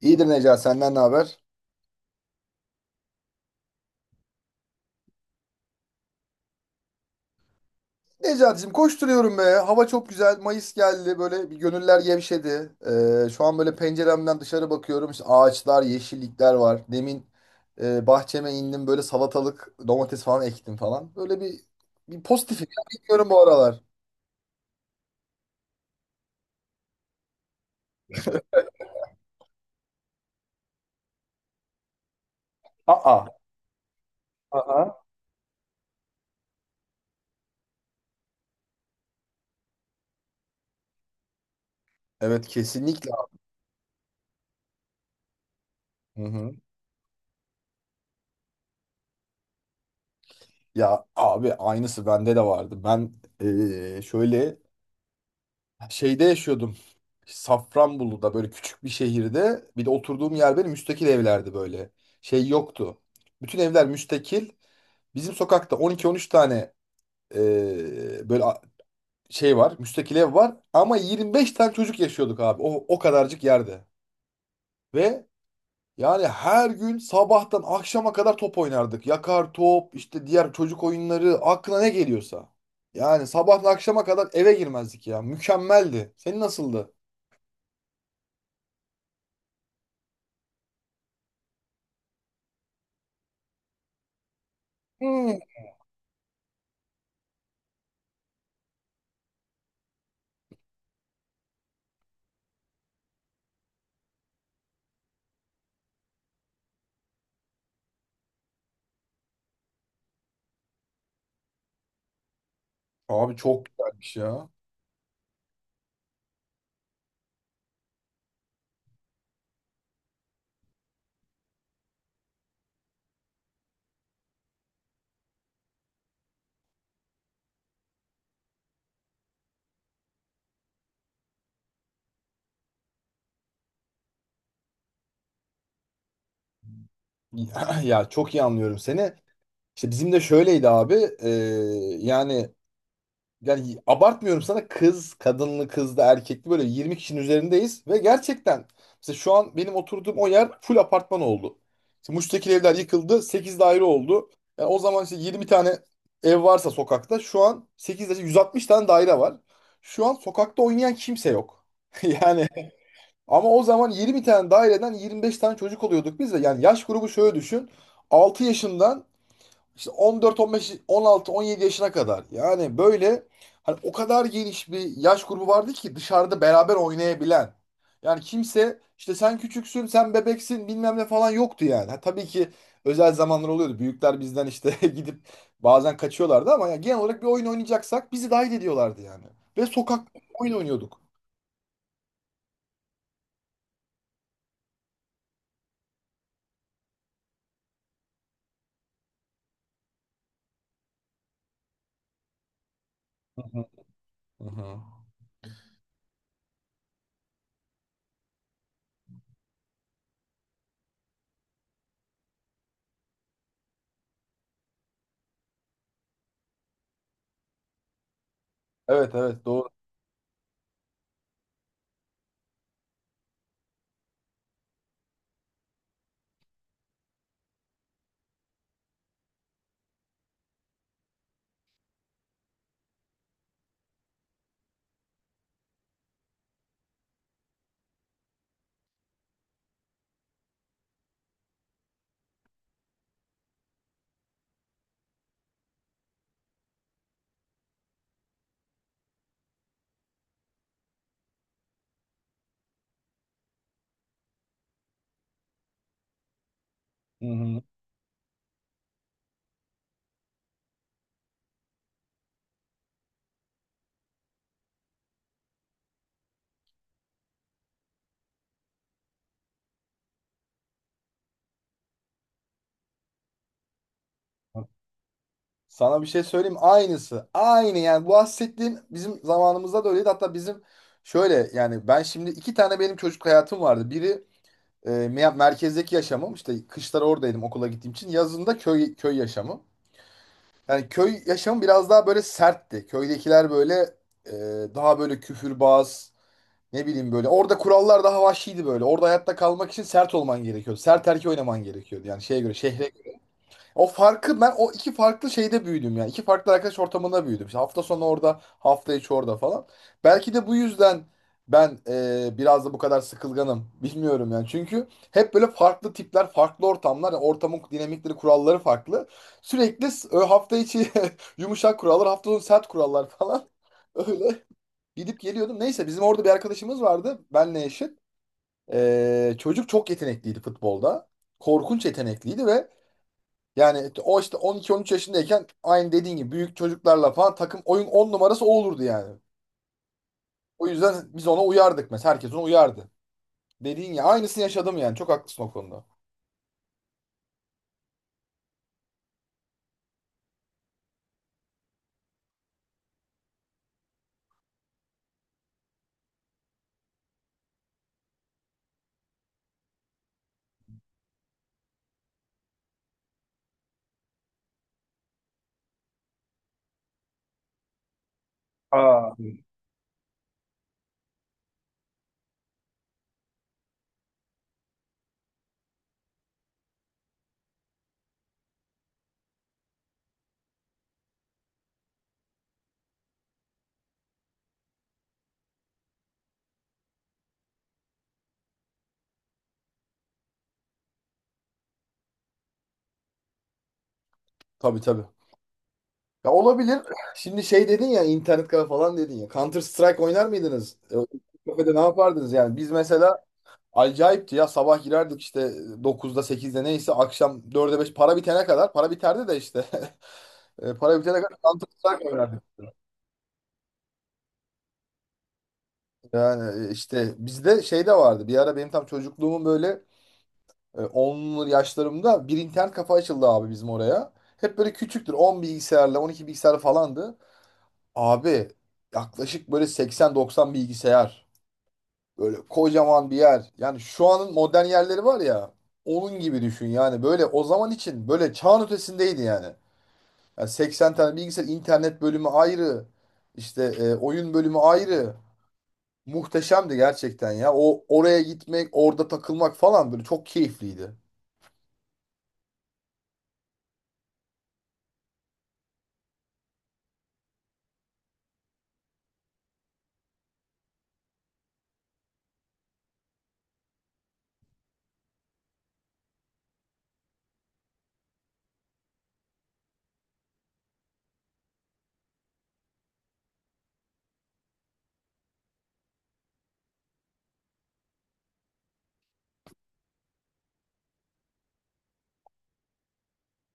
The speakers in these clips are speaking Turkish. İyidir Necati senden ne haber? Necati'cim koşturuyorum be. Hava çok güzel. Mayıs geldi. Böyle bir gönüller gevşedi. Şu an böyle penceremden dışarı bakıyorum. İşte ağaçlar, yeşillikler var. Demin bahçeme indim. Böyle salatalık, domates falan ektim falan. Böyle bir pozitifim ya. Bilmiyorum bu aralar. Aa. Aa. Evet, kesinlikle. Hı hı. Ya abi, aynısı bende de vardı. Ben şöyle şeyde yaşıyordum. Safranbolu'da böyle küçük bir şehirde, bir de oturduğum yer benim, müstakil evlerdi böyle. Şey yoktu. Bütün evler müstakil. Bizim sokakta 12-13 tane böyle şey var. Müstakil ev var. Ama 25 tane çocuk yaşıyorduk abi. O kadarcık yerde. Ve yani her gün sabahtan akşama kadar top oynardık. Yakar top, işte diğer çocuk oyunları, aklına ne geliyorsa. Yani sabahtan akşama kadar eve girmezdik ya. Mükemmeldi. Senin nasıldı? Hmm. Abi çok güzelmiş ya. Ya ya, çok iyi anlıyorum seni. İşte bizim de şöyleydi abi. e, yani yani abartmıyorum sana, kız, kadınlı, kızlı, erkekli böyle 20 kişinin üzerindeyiz ve gerçekten mesela şu an benim oturduğum o yer full apartman oldu. İşte Muş'taki evler yıkıldı, 8 daire oldu. Yani o zaman işte 20 tane ev varsa sokakta, şu an 8 daire, 160 tane daire var. Şu an sokakta oynayan kimse yok. Yani ama o zaman 20 tane daireden 25 tane çocuk oluyorduk biz de. Yani yaş grubu şöyle düşün. Altı yaşından işte 14, 15, 16, 17 yaşına kadar. Yani böyle hani o kadar geniş bir yaş grubu vardı ki dışarıda beraber oynayabilen. Yani kimse işte sen küçüksün, sen bebeksin bilmem ne falan yoktu yani. Ha, tabii ki özel zamanlar oluyordu. Büyükler bizden işte gidip bazen kaçıyorlardı ama yani genel olarak bir oyun oynayacaksak bizi dahil ediyorlardı yani. Ve sokak oyun oynuyorduk. Hı hı. Evet, evet, doğru. Hı hı. Sana bir şey söyleyeyim, aynısı. Aynı yani, bu bahsettiğin bizim zamanımızda da öyleydi. Hatta bizim şöyle, yani ben şimdi iki tane benim çocukluk hayatım vardı. Biri merkezdeki yaşamım, işte kışları oradaydım okula gittiğim için. Yazında köy köy yaşamı. Yani köy yaşamı biraz daha böyle sertti. Köydekiler böyle daha böyle küfürbaz, ne bileyim böyle. Orada kurallar daha vahşiydi böyle. Orada hayatta kalmak için sert olman gerekiyordu. Sert erkeği oynaman gerekiyordu. Yani şeye göre şehre. O farkı ben o iki farklı şeyde büyüdüm yani. İki farklı arkadaş ortamında büyüdüm. İşte hafta sonu orada, hafta içi orada falan. Belki de bu yüzden ben biraz da bu kadar sıkılganım. Bilmiyorum yani. Çünkü hep böyle farklı tipler, farklı ortamlar, yani ortamın dinamikleri, kuralları farklı. Sürekli hafta içi yumuşak kurallar, hafta sonu sert kurallar falan. Öyle gidip geliyordum. Neyse, bizim orada bir arkadaşımız vardı. Benle eşit. Çocuk çok yetenekliydi futbolda. Korkunç yetenekliydi ve yani o işte 12-13 yaşındayken, aynı dediğin gibi büyük çocuklarla falan takım oyun 10 numarası o olurdu yani. O yüzden biz ona uyardık mesela. Herkes ona uyardı. Dediğin ya, aynısını yaşadım yani. Çok haklısın o konuda. Tabii, tabii. Ya, olabilir. Şimdi şey dedin ya, internet kafe falan dedin ya. Counter Strike oynar mıydınız? Kafede ne yapardınız yani? Biz mesela acayipti ya, sabah girerdik işte 9'da 8'de neyse, akşam 4'e 5 para bitene kadar, para biterdi de işte. Para bitene kadar Counter Strike oynardık. Yani işte bizde şey de vardı. Bir ara benim tam çocukluğumun böyle 10'lu yaşlarımda bir internet kafa açıldı abi bizim oraya. Hep böyle küçüktür. 10 bilgisayarla 12 bilgisayar falandı. Abi yaklaşık böyle 80-90 bilgisayar. Böyle kocaman bir yer. Yani şu anın modern yerleri var ya, onun gibi düşün yani. Böyle o zaman için böyle çağın ötesindeydi yani. Yani 80 tane bilgisayar, internet bölümü ayrı. İşte oyun bölümü ayrı. Muhteşemdi gerçekten ya. O oraya gitmek, orada takılmak falan böyle çok keyifliydi.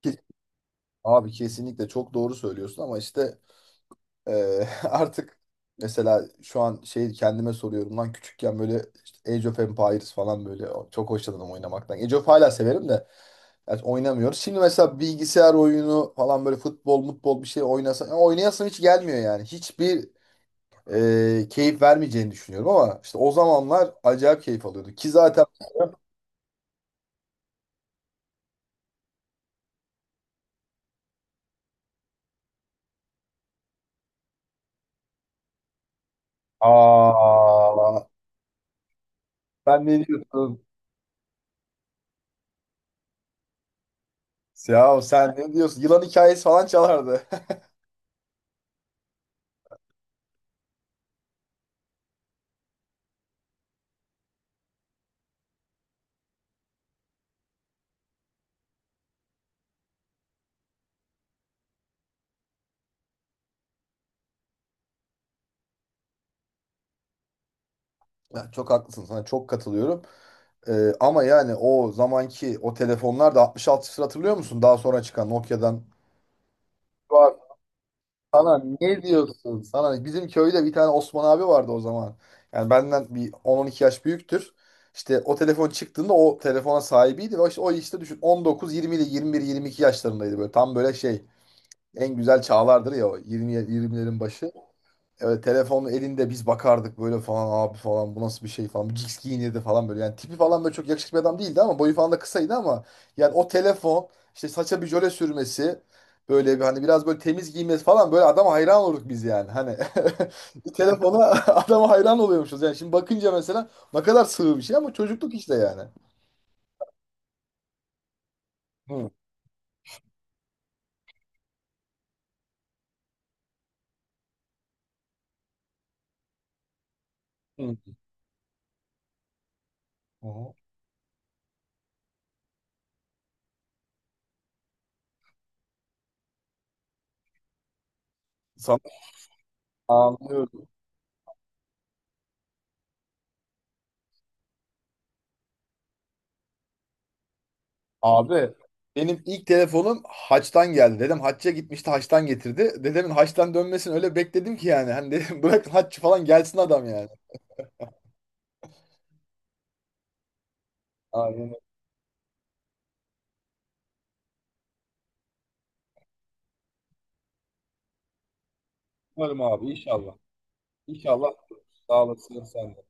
Ke- Abi kesinlikle çok doğru söylüyorsun ama işte e, artık mesela şu an şey kendime soruyorum lan, küçükken böyle işte Age of Empires falan böyle çok hoşlanırım oynamaktan. Age of hala severim de, yani oynamıyoruz. Şimdi mesela bilgisayar oyunu falan böyle futbol, mutbol bir şey oynasam ya oynayasım hiç gelmiyor yani. Hiçbir keyif vermeyeceğini düşünüyorum ama işte o zamanlar acayip keyif alıyordu. Ki zaten. Aa, sen ne diyorsun? Ya sen ne diyorsun? Yılan hikayesi falan çalardı. Ya çok haklısın, sana çok katılıyorum. Ama yani o zamanki o telefonlar da 6600, hatırlıyor musun? Daha sonra çıkan Nokia'dan. Var. Sana ne diyorsun? Sana bizim köyde bir tane Osman abi vardı o zaman. Yani benden bir 10-12 yaş büyüktür. İşte o telefon çıktığında o telefona sahibiydi ve işte o, işte düşün, 19 20 ile 21 22 yaşlarındaydı, böyle tam böyle şey, en güzel çağlardır ya, o 20, 20'lerin başı. Evet telefon elinde, biz bakardık böyle, falan abi falan bu nasıl bir şey falan. Bu Jigs giyinirdi falan böyle. Yani tipi falan böyle çok yakışıklı bir adam değildi ama boyu falan da kısaydı ama yani o telefon, işte saça bir jöle sürmesi, böyle bir hani biraz böyle temiz giymesi falan, böyle adama hayran olurduk biz yani. Hani bir telefona adama hayran oluyormuşuz. Yani şimdi bakınca mesela, ne kadar sığ bir şey ama çocukluk işte yani. Hı. Hı. Hı. Sana anlıyorum. Abi benim ilk telefonum Haç'tan geldi. Dedem Haç'a gitmişti, Haç'tan getirdi. Dedemin Haç'tan dönmesini öyle bekledim ki yani. Hani dedim, bırakın Haç falan gelsin adam yani. Aynen. Umarım abi, inşallah. İnşallah sağ olasın sen de.